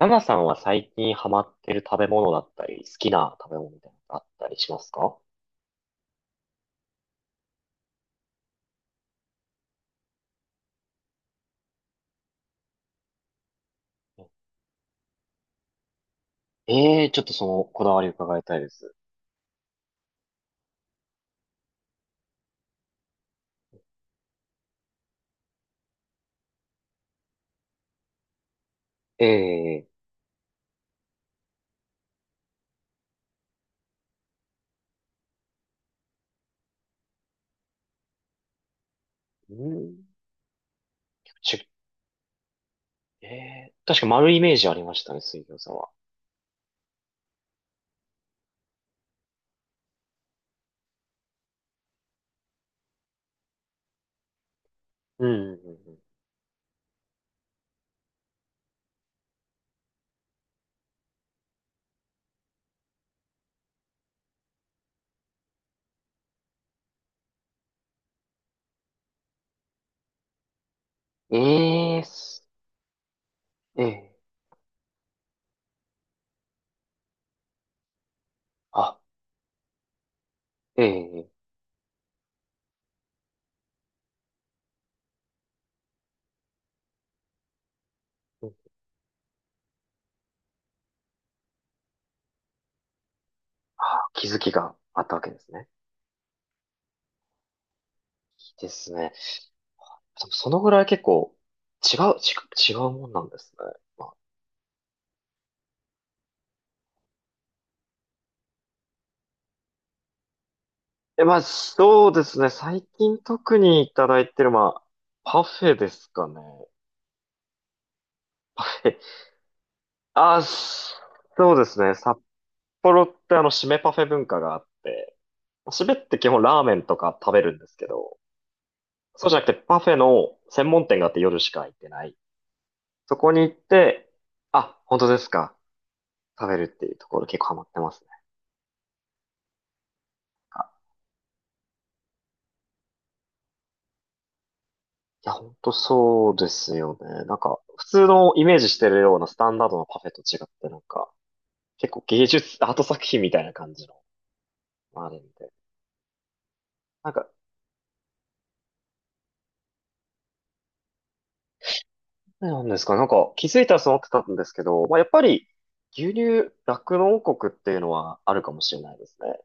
ナナさんは最近ハマってる食べ物だったり、好きな食べ物みたいなのがあったりしますか？ええー、ちょっとそのこだわり伺いたいです。ええー、うん、ち、ええー、確か丸いイメージありましたね、水餃子は。うん、うん、うん。ええー、す、ええー、あ、ええー、うん、あ、気づきがあったわけですね。いいですね。でもそのぐらい結構違うもんなんですね。まあ、そうですね。最近特にいただいてる、まあ、パフェですかね。パフェ。あ、そうですね。札幌って締めパフェ文化があって、締めって基本ラーメンとか食べるんですけど、そうじゃなくてパフェの専門店があって夜しか開いてない。そこに行って、あ、本当ですか？食べるっていうところ結構ハマってますね。あ、いや、本当そうですよね。普通のイメージしてるようなスタンダードなパフェと違って、なんか、結構芸術、アート作品みたいな感じの、あれみたいな。なんか、なんですか、なんか気づいたらそう思ってたんですけど、まあ、やっぱり牛乳、酪農王国っていうのはあるかもしれないですね。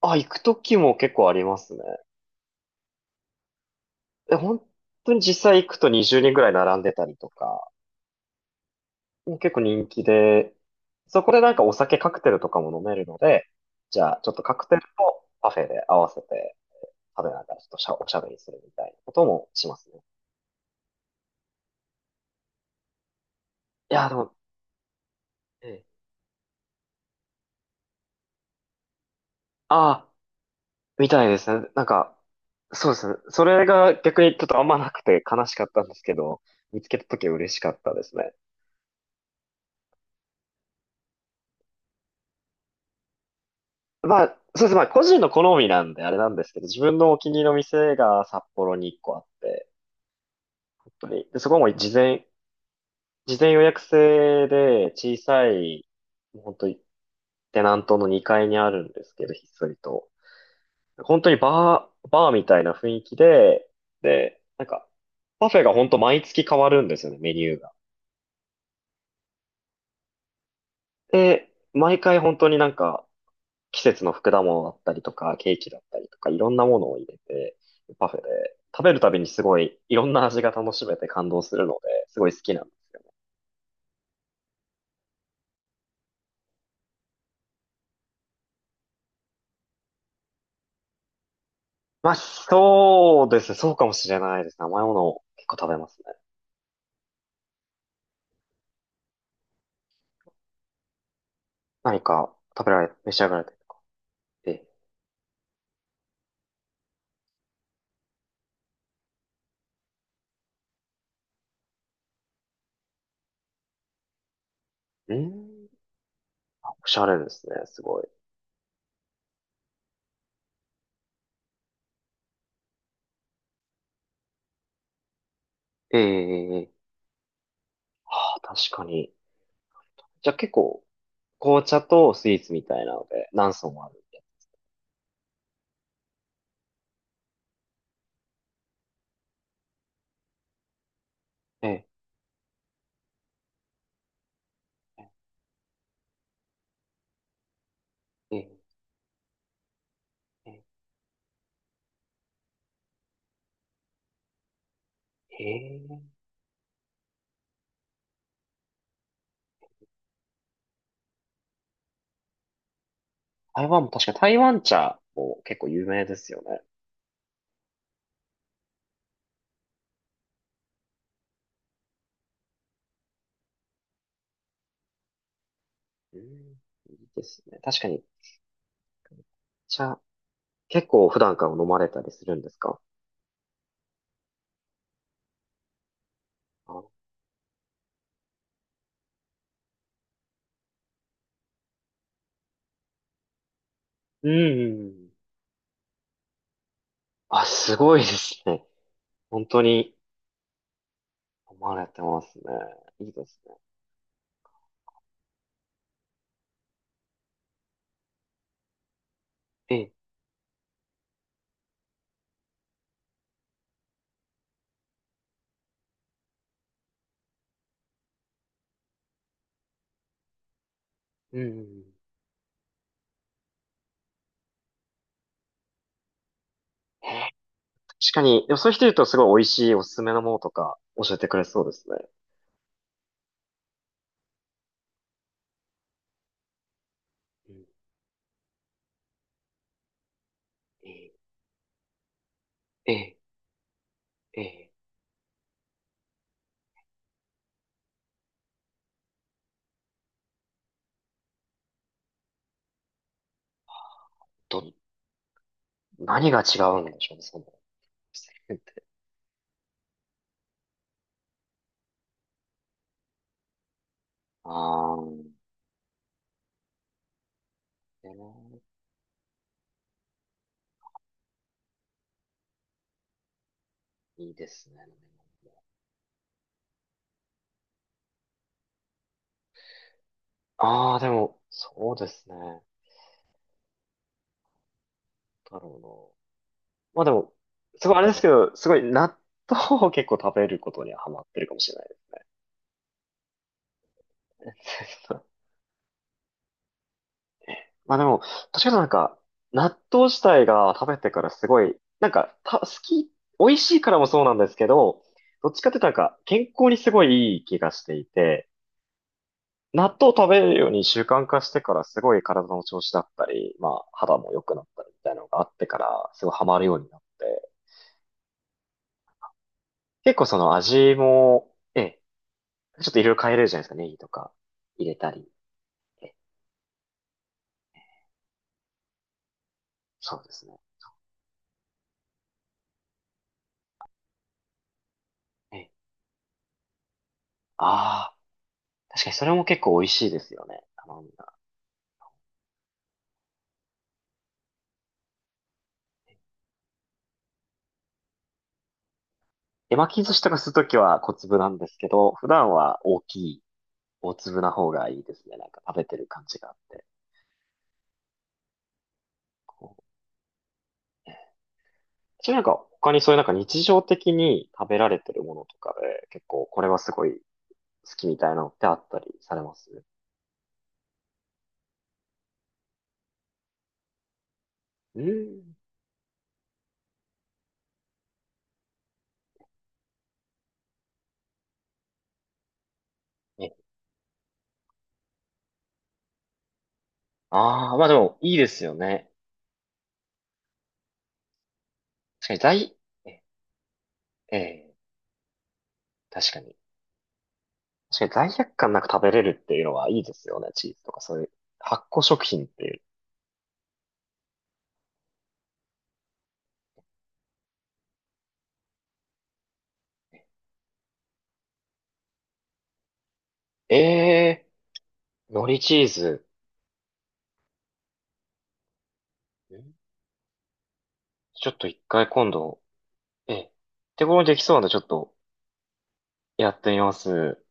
あ、行くときも結構ありますね。で、本当に実際行くと20人ぐらい並んでたりとか、もう結構人気で、そこでなんかお酒カクテルとかも飲めるので、じゃあちょっとカクテルとパフェで合わせて食べながらちょっとしゃおしゃべりするみたいなこともしますね。いや、でも、ええ、ああ、みたいですね。なんか、そうですね。それが逆にちょっとあんまなくて悲しかったんですけど、見つけた時は嬉しかったですね。まあ、そうですね。まあ、個人の好みなんであれなんですけど、自分のお気に入りの店が札幌に1個あって、本当に。で、そこも事前予約制で小さい、もう本当にテナントの2階にあるんですけど、ひっそりと。本当にバーみたいな雰囲気で、なんか、パフェが本当毎月変わるんですよね、メニューが。で、毎回本当になんか、季節の果物だったりとか、ケーキだったりとか、いろんなものを入れて、パフェで、食べるたびにすごい、いろんな味が楽しめて感動するので、すごい好きなんです。まあ、そうですね。そうかもしれないです。ね、甘いものを結構食べますね。何か食べられ、召し上がられて。え、うん、おしゃれですね。すごい。ええ、はあ、確かに。じゃあ結構、紅茶とスイーツみたいなので、何層もあるんで。ええ、ええ、ええ、へえ、台湾も確か台湾茶も結構有名ですよね。うん、いいですね。確かに茶、結構普段から飲まれたりするんですか？あ、うん。あ、すごいですね。本当に飲まれてますね。いいですね。ええ、うん。へえ、確かに、でもそういう人いるとすごい美味しいおすすめのものとか教えてくれそうですね。うん、ええ、ええ、ええ、と、何が違うんでしょうね、その、って。ああ、ええ、いいですね。ああ、でも、そうですね。なんだろうな。まあでも、すごいあれですけど、すごい納豆を結構食べることにはハマってるかもしれないね。まあでも、確かになんか、納豆自体が食べてからすごい、なんか、た、好き、美味しいからもそうなんですけど、どっちかっていうとなんか、健康にすごいいい気がしていて、納豆を食べるように習慣化してからすごい体の調子だったり、まあ肌も良くなったりみたいなのがあってから、すごいハマるようになって。結構その味も、ええ、ちょっといろいろ変えれるじゃないですか。ネギとか入れたり。ええ、そうですね。ええ、ああ、確かにそれも結構美味しいですよね。あの、手巻き寿司とかするときは小粒なんですけど、普段は大きい、大粒な方がいいですね。なんか食べてる感じがあって。こう、ええ、ちなみになんか他にそういうなんか日常的に食べられてるものとかで、結構これはすごい好きみたいなのってあったりされます？うん。え、ああ、まあでもいいですよね。確かに在、ええ、確かに。確かに罪悪感なく食べれるっていうのはいいですよね。チーズとかそういう発酵食品っていう。ええ、海苔チーズ。ん、ちょっと一回今度、ええ、手頃にできそうなんでちょっとやってみます。